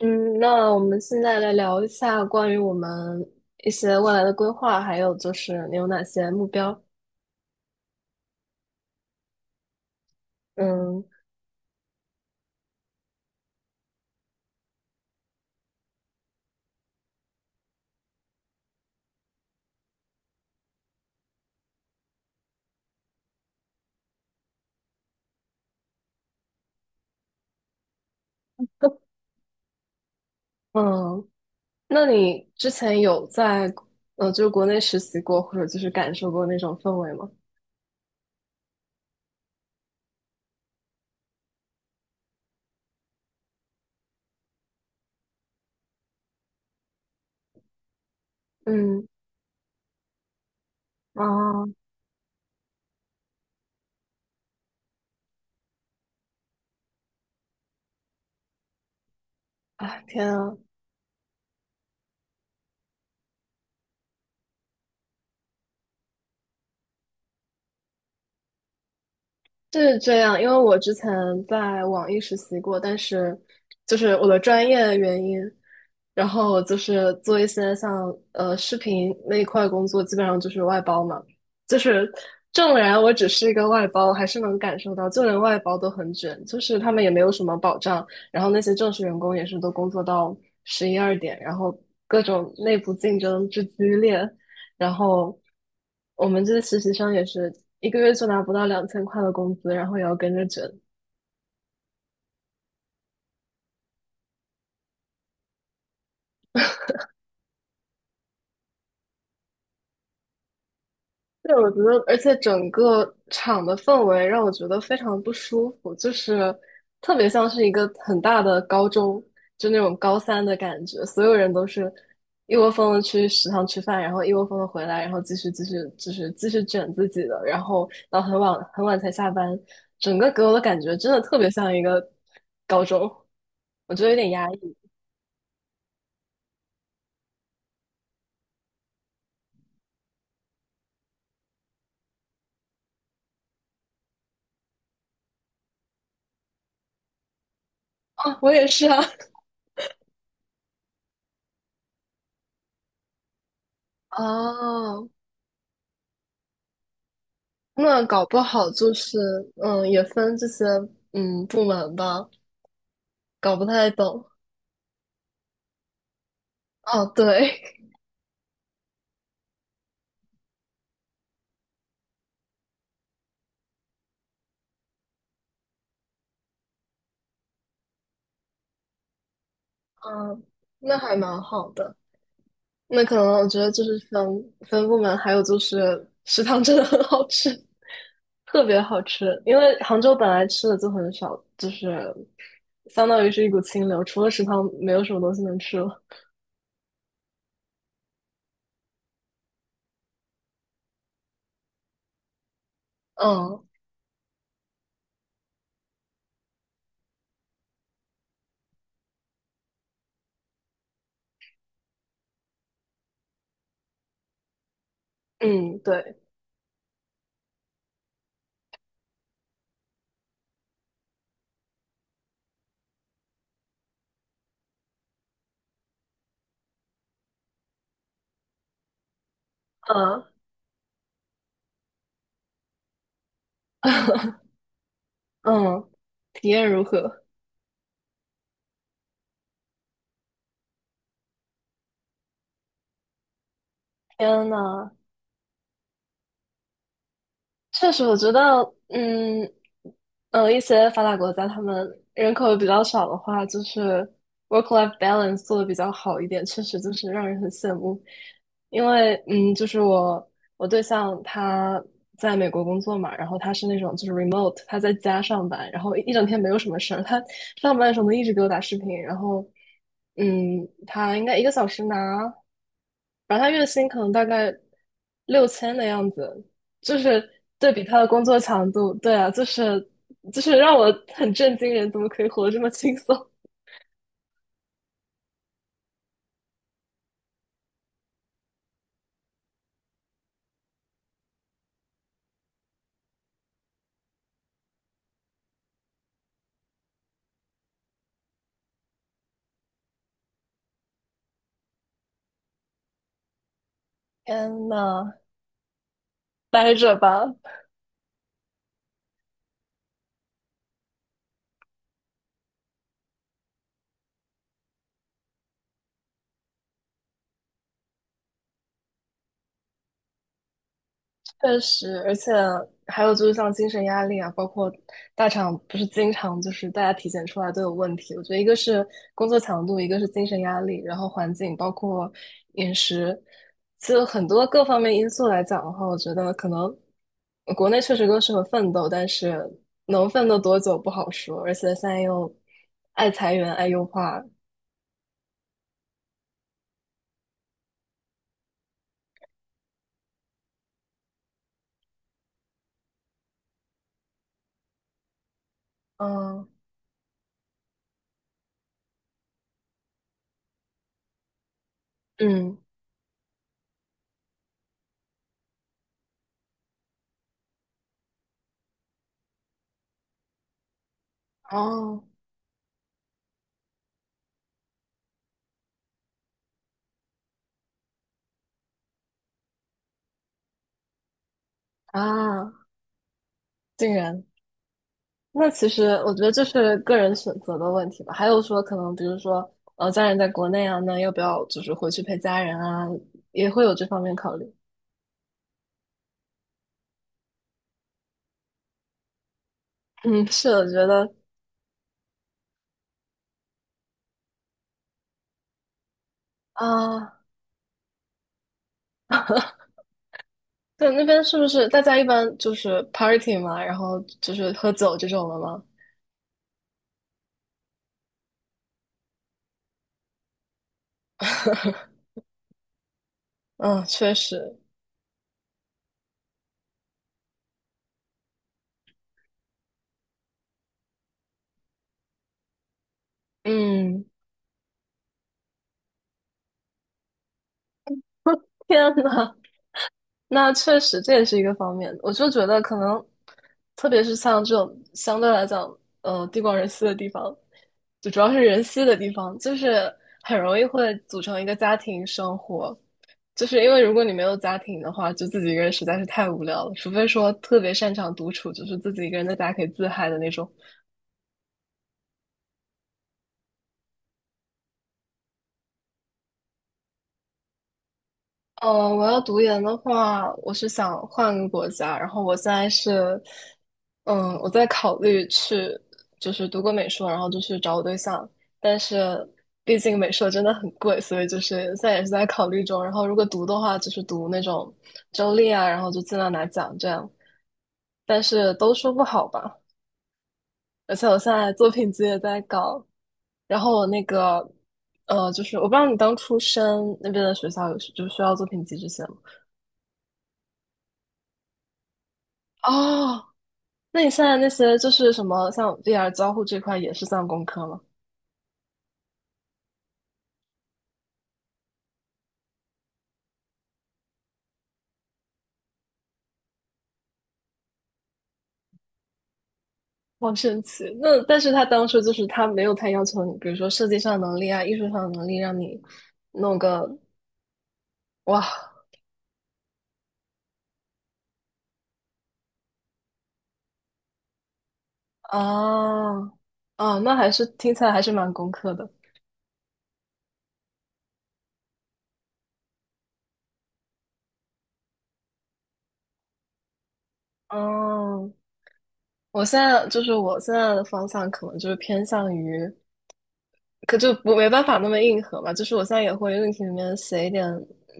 嗯，那我们现在来聊一下关于我们一些未来的规划，还有就是你有哪些目标？嗯嗯，那你之前有在就是国内实习过，或者就是感受过那种氛围吗？嗯，啊啊，天啊，是这样，因为我之前在网易实习过，但是就是我的专业原因。然后就是做一些像视频那一块工作，基本上就是外包嘛。就是纵然我只是一个外包，还是能感受到，就连外包都很卷，就是他们也没有什么保障。然后那些正式员工也是都工作到十一二点，然后各种内部竞争之激烈，然后我们这些实习生也是一个月就拿不到2000块的工资，然后也要跟着卷。对，我觉得，而且整个场的氛围让我觉得非常不舒服，就是特别像是一个很大的高中，就那种高三的感觉，所有人都是一窝蜂的去食堂吃饭，然后一窝蜂的回来，然后继续就是继续卷自己的，然后到很晚很晚才下班，整个给我的感觉真的特别像一个高中，我觉得有点压抑啊，我也是啊，哦，那搞不好就是，嗯，也分这些，嗯，部门吧，搞不太懂。哦，对，嗯，那还蛮好的。那可能我觉得就是分分部门，还有就是食堂真的很好吃，特别好吃。因为杭州本来吃的就很少，就是相当于是一股清流，除了食堂没有什么东西能吃了。嗯嗯，对，嗯 嗯，体验如何？天呐，确实，我觉得，嗯，一些发达国家他们人口比较少的话，就是 work-life balance 做的比较好一点，确实就是让人很羡慕。因为，嗯，就是我对象他在美国工作嘛，然后他是那种就是 remote,他在家上班，然后一整天没有什么事儿，他上班的时候能一直给我打视频，然后，他应该一个小时拿。然后他月薪可能大概6000的样子，就是对比他的工作强度，对啊，就是让我很震惊，人怎么可以活得这么轻松？天呐，待着吧，确实，而且还有就是像精神压力啊，包括大厂不是经常就是大家体检出来都有问题。我觉得一个是工作强度，一个是精神压力，然后环境包括饮食，其实很多各方面因素来讲的话，我觉得可能国内确实更适合奋斗，但是能奋斗多久不好说。而且现在又爱裁员、爱优化，嗯嗯，哦啊，竟然。那其实我觉得这是个人选择的问题吧。还有说，可能比如说，家人在国内啊，那要不要就是回去陪家人啊，也会有这方面考虑。嗯，是的，我觉得啊，对，那边是不是大家一般就是 party 嘛，然后就是喝酒这种的吗？嗯，确实，嗯，天呐，那确实这也是一个方面。我就觉得可能，特别是像这种相对来讲，地广人稀的地方，就主要是人稀的地方，就是很容易会组成一个家庭生活。就是因为如果你没有家庭的话，就自己一个人实在是太无聊了，除非说特别擅长独处，就是自己一个人在家可以自嗨的那种。我要读研的话，我是想换个国家，然后我现在是，我在考虑去，就是读个美术，然后就去找我对象，但是毕竟美术真的很贵，所以就是现在也是在考虑中。然后如果读的话，就是读那种周立啊，然后就尽量拿奖这样，但是都说不好吧。而且我现在作品集也在搞，然后我那个，就是我不知道你当初申那边的学校有就需要作品集这些吗？哦，那你现在那些就是什么，像 VR 交互这块也是算工科吗？好神奇。那但是他当初就是他没有太要求你，比如说设计上的能力啊、艺术上的能力，让你弄个哇啊啊，那还是听起来还是蛮工科的。嗯，我现在就是我现在的方向可能就是偏向于。可就不没办法那么硬核嘛，就是我现在也会 u 题里面写一点，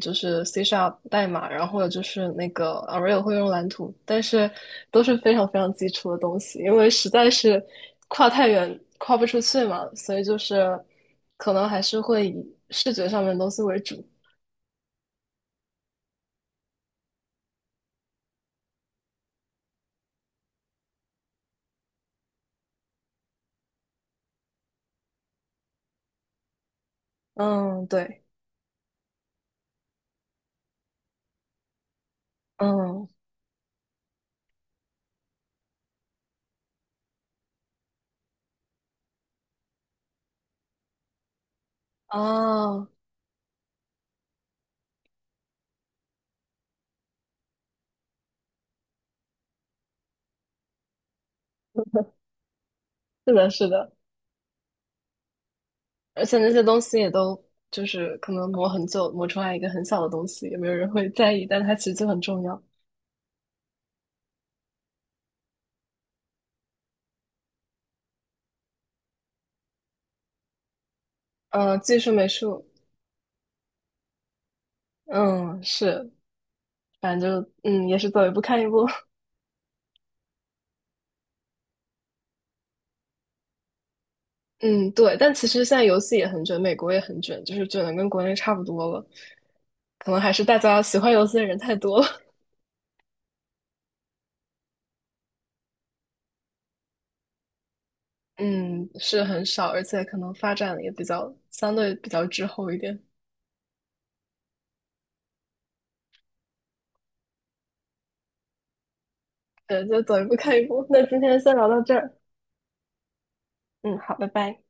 就是 C Sharp 代码，然后或者就是那个 Unreal 会用蓝图，但是都是非常非常基础的东西，因为实在是跨太远，跨不出去嘛，所以就是可能还是会以视觉上面的东西为主。嗯，对，嗯，哦，是的，是的，而且那些东西也都就是可能磨很久，磨出来一个很小的东西，也没有人会在意，但它其实就很重要。嗯，技术美术，嗯，是，反正就嗯，也是走一步看一步，嗯，对。但其实现在游戏也很卷，美国也很卷，就是卷的跟国内差不多了。可能还是大家喜欢游戏的人太多了，嗯，是很少，而且可能发展也比较相对比较滞后一点。对，就走一步看一步。那今天先聊到这儿，嗯，好，拜拜。